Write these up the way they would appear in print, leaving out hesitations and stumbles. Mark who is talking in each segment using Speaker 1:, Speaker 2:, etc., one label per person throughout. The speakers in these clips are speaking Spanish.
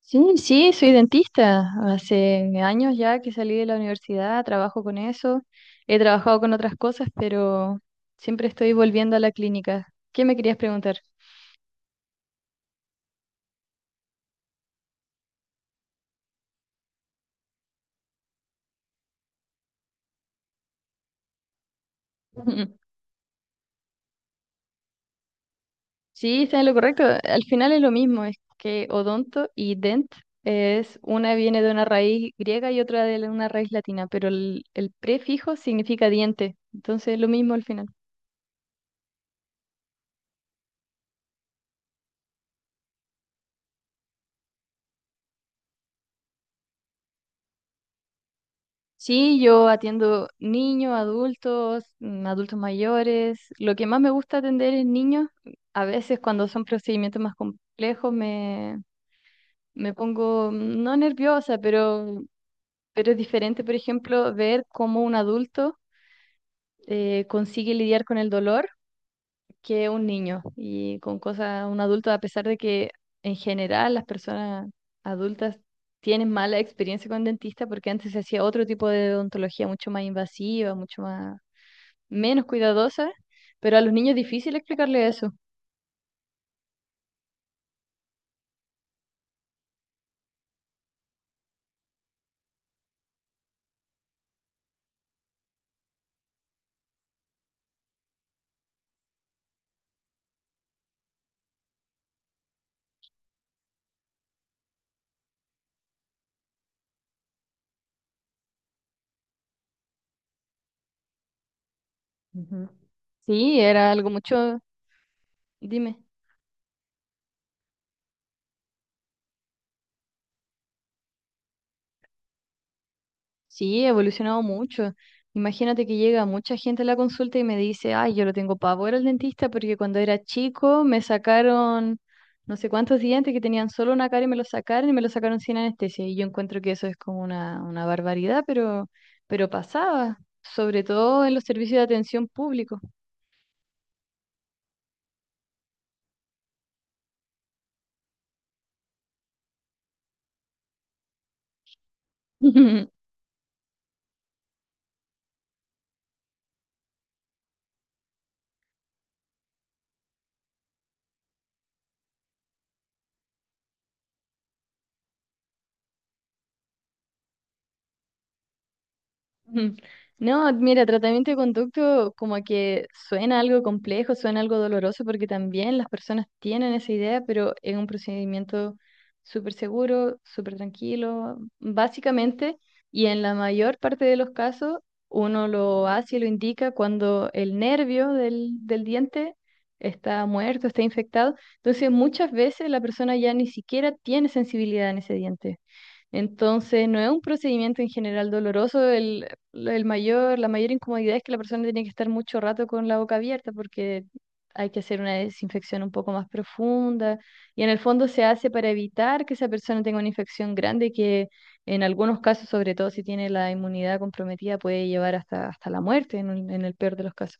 Speaker 1: Sí, sí, soy dentista. Hace años ya que salí de la universidad, trabajo con eso. He trabajado con otras cosas, pero siempre estoy volviendo a la clínica. ¿Qué me querías preguntar? Sí, está en lo correcto. Al final es lo mismo, es que odonto y dent es una viene de una raíz griega y otra de una raíz latina, pero el prefijo significa diente. Entonces es lo mismo al final. Sí, yo atiendo niños, adultos, adultos mayores. Lo que más me gusta atender es niños. A veces cuando son procedimientos más complejos me pongo no nerviosa, pero es diferente, por ejemplo, ver cómo un adulto consigue lidiar con el dolor que un niño y con cosas, un adulto, a pesar de que en general las personas adultas tienen mala experiencia con dentista porque antes se hacía otro tipo de odontología mucho más invasiva, mucho más menos cuidadosa, pero a los niños es difícil explicarle eso. Ujú. Sí, era algo mucho, dime, sí, ha evolucionado mucho. Imagínate que llega mucha gente a la consulta y me dice, ay, yo lo tengo pavor al dentista porque cuando era chico me sacaron no sé cuántos dientes que tenían solo una cara y me los sacaron y me los sacaron sin anestesia. Y yo encuentro que eso es como una barbaridad, pero pasaba, sobre todo en los servicios de atención público. Ujú. No, mira, tratamiento de conducto como que suena algo complejo, suena algo doloroso, porque también las personas tienen esa idea, pero es un procedimiento súper seguro, súper tranquilo, básicamente, y en la mayor parte de los casos uno lo hace y lo indica cuando el nervio del diente está muerto, está infectado, entonces muchas veces la persona ya ni siquiera tiene sensibilidad en ese diente. Entonces, no es un procedimiento en general doloroso. El mayor, la mayor incomodidad es que la persona tiene que estar mucho rato con la boca abierta porque hay que hacer una desinfección un poco más profunda. Y en el fondo se hace para evitar que esa persona tenga una infección grande que en algunos casos, sobre todo si tiene la inmunidad comprometida, puede llevar hasta, hasta la muerte en, en el peor de los casos.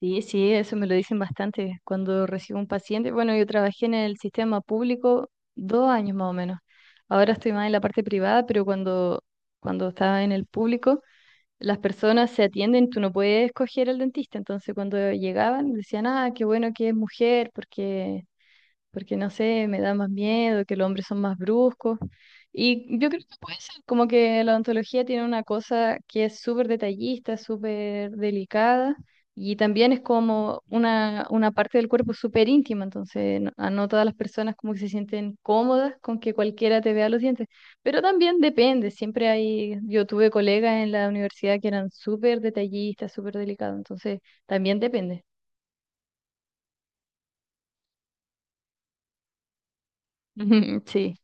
Speaker 1: Sí, sí, eso me lo dicen bastante cuando recibo un paciente. Bueno, yo trabajé en el sistema público 2 años más o menos. Ahora estoy más en la parte privada, pero cuando estaba en el público, las personas se atienden, tú no puedes escoger al dentista. Entonces, cuando llegaban, decían, ah, qué bueno que es mujer, porque porque no sé, me da más miedo, que los hombres son más bruscos. Y yo creo que puede ser, como que la odontología tiene una cosa que es súper detallista, súper delicada, y también es como una parte del cuerpo súper íntima, entonces no, a no todas las personas como que se sienten cómodas con que cualquiera te vea los dientes, pero también depende, siempre hay, yo tuve colegas en la universidad que eran súper detallistas, súper delicados, entonces también depende. Sí.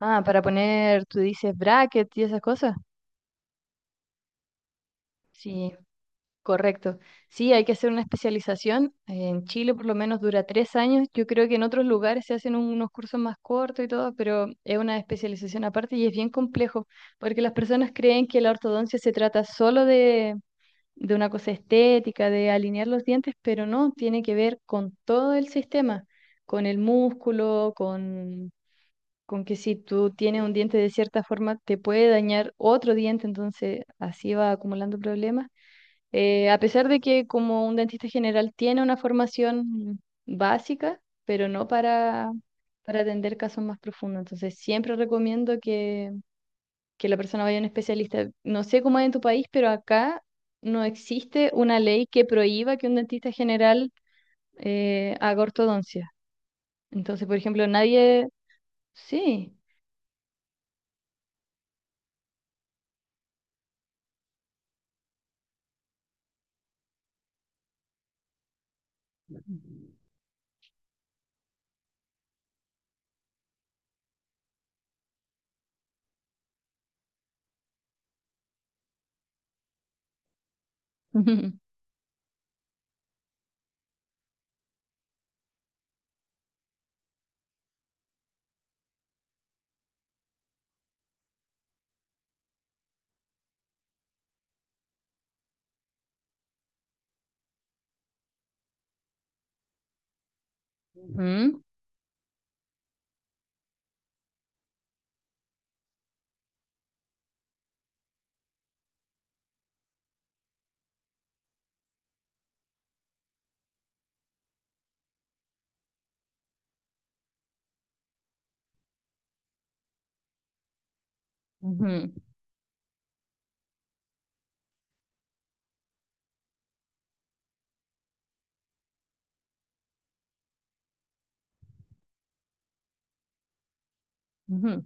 Speaker 1: Ah, para poner, tú dices bracket y esas cosas. Sí, correcto. Sí, hay que hacer una especialización. En Chile por lo menos dura 3 años. Yo creo que en otros lugares se hacen unos cursos más cortos y todo, pero es una especialización aparte y es bien complejo, porque las personas creen que la ortodoncia se trata solo de una cosa estética, de alinear los dientes, pero no, tiene que ver con todo el sistema, con el músculo, con que si tú tienes un diente de cierta forma, te puede dañar otro diente, entonces así va acumulando problemas. A pesar de que como un dentista general tiene una formación básica, pero no para, para atender casos más profundos, entonces siempre recomiendo que la persona vaya a un especialista. No sé cómo es en tu país, pero acá no existe una ley que prohíba que un dentista general haga ortodoncia. Entonces, por ejemplo, nadie... Sí. Ujú. Ujú, ujú.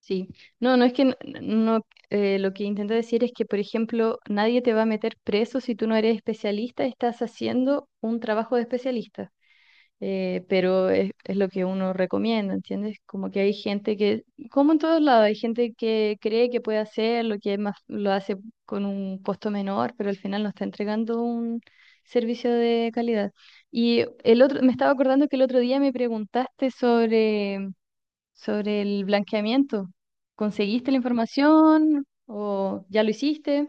Speaker 1: Sí, no, no es que no, lo que intento decir es que, por ejemplo, nadie te va a meter preso si tú no eres especialista, estás haciendo un trabajo de especialista, pero es lo que uno recomienda, ¿entiendes? Como que hay gente que, como en todos lados, hay gente que cree que puede hacer lo que es más, lo hace con un costo menor, pero al final no está entregando un servicio de calidad. Y el otro, me estaba acordando que el otro día me preguntaste sobre sobre el blanqueamiento. ¿Conseguiste la información o ya lo hiciste?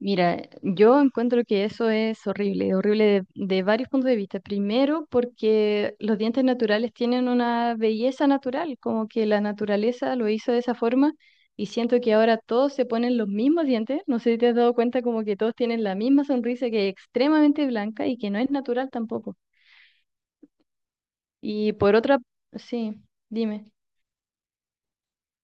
Speaker 1: Mira, yo encuentro que eso es horrible, horrible de varios puntos de vista. Primero, porque los dientes naturales tienen una belleza natural, como que la naturaleza lo hizo de esa forma y siento que ahora todos se ponen los mismos dientes. No sé si te has dado cuenta como que todos tienen la misma sonrisa que es extremadamente blanca y que no es natural tampoco. Y por otra, sí, dime.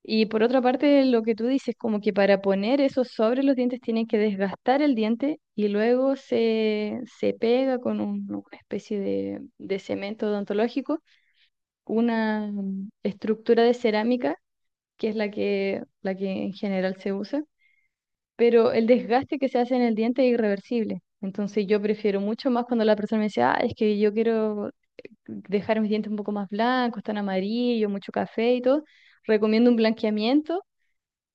Speaker 1: Y por otra parte, lo que tú dices, como que para poner eso sobre los dientes tienen que desgastar el diente y luego se pega con una especie de cemento odontológico, una estructura de cerámica, que es la que en general se usa, pero el desgaste que se hace en el diente es irreversible. Entonces yo prefiero mucho más cuando la persona me dice, ah, es que yo quiero dejar mis dientes un poco más blancos, tan amarillos, mucho café y todo. Recomiendo un blanqueamiento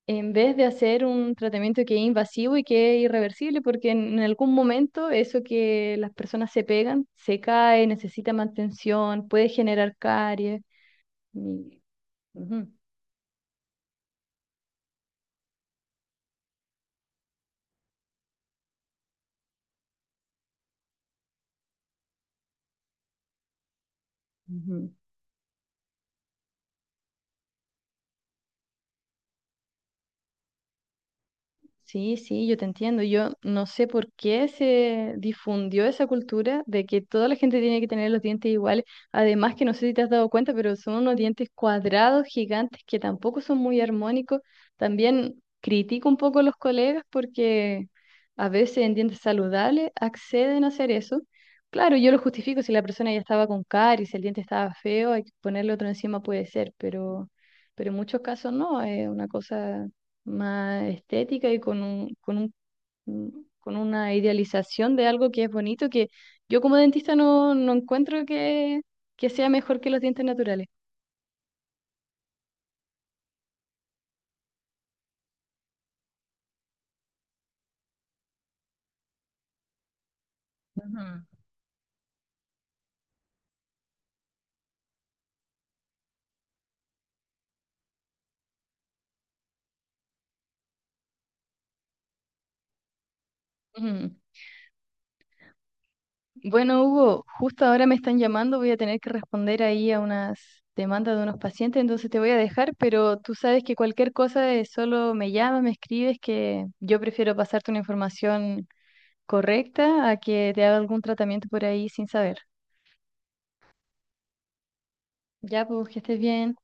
Speaker 1: en vez de hacer un tratamiento que es invasivo y que es irreversible, porque en algún momento eso que las personas se pegan, se cae, necesita mantención, puede generar caries. y- ujú, ujú. Sí, sí, yo te entiendo. Yo no sé por qué se difundió esa cultura de que toda la gente tiene que tener los dientes iguales. Además que no sé si te has dado cuenta, pero son unos dientes cuadrados gigantes que tampoco son muy armónicos. También critico un poco a los colegas porque a veces en dientes saludables acceden a hacer eso. Claro, yo lo justifico si la persona ya estaba con caries, si el diente estaba feo, hay que ponerle otro encima puede ser, pero en muchos casos no, es una cosa más estética y con un, con una idealización de algo que es bonito, que yo como dentista no, no encuentro que sea mejor que los dientes naturales. Ujú. Ujú. Bueno, Hugo, justo ahora me están llamando, voy a tener que responder ahí a unas demandas de unos pacientes, entonces te voy a dejar, pero tú sabes que cualquier cosa es solo me llamas, me escribes, que yo prefiero pasarte una información correcta a que te haga algún tratamiento por ahí sin saber. Ya, pues que estés bien.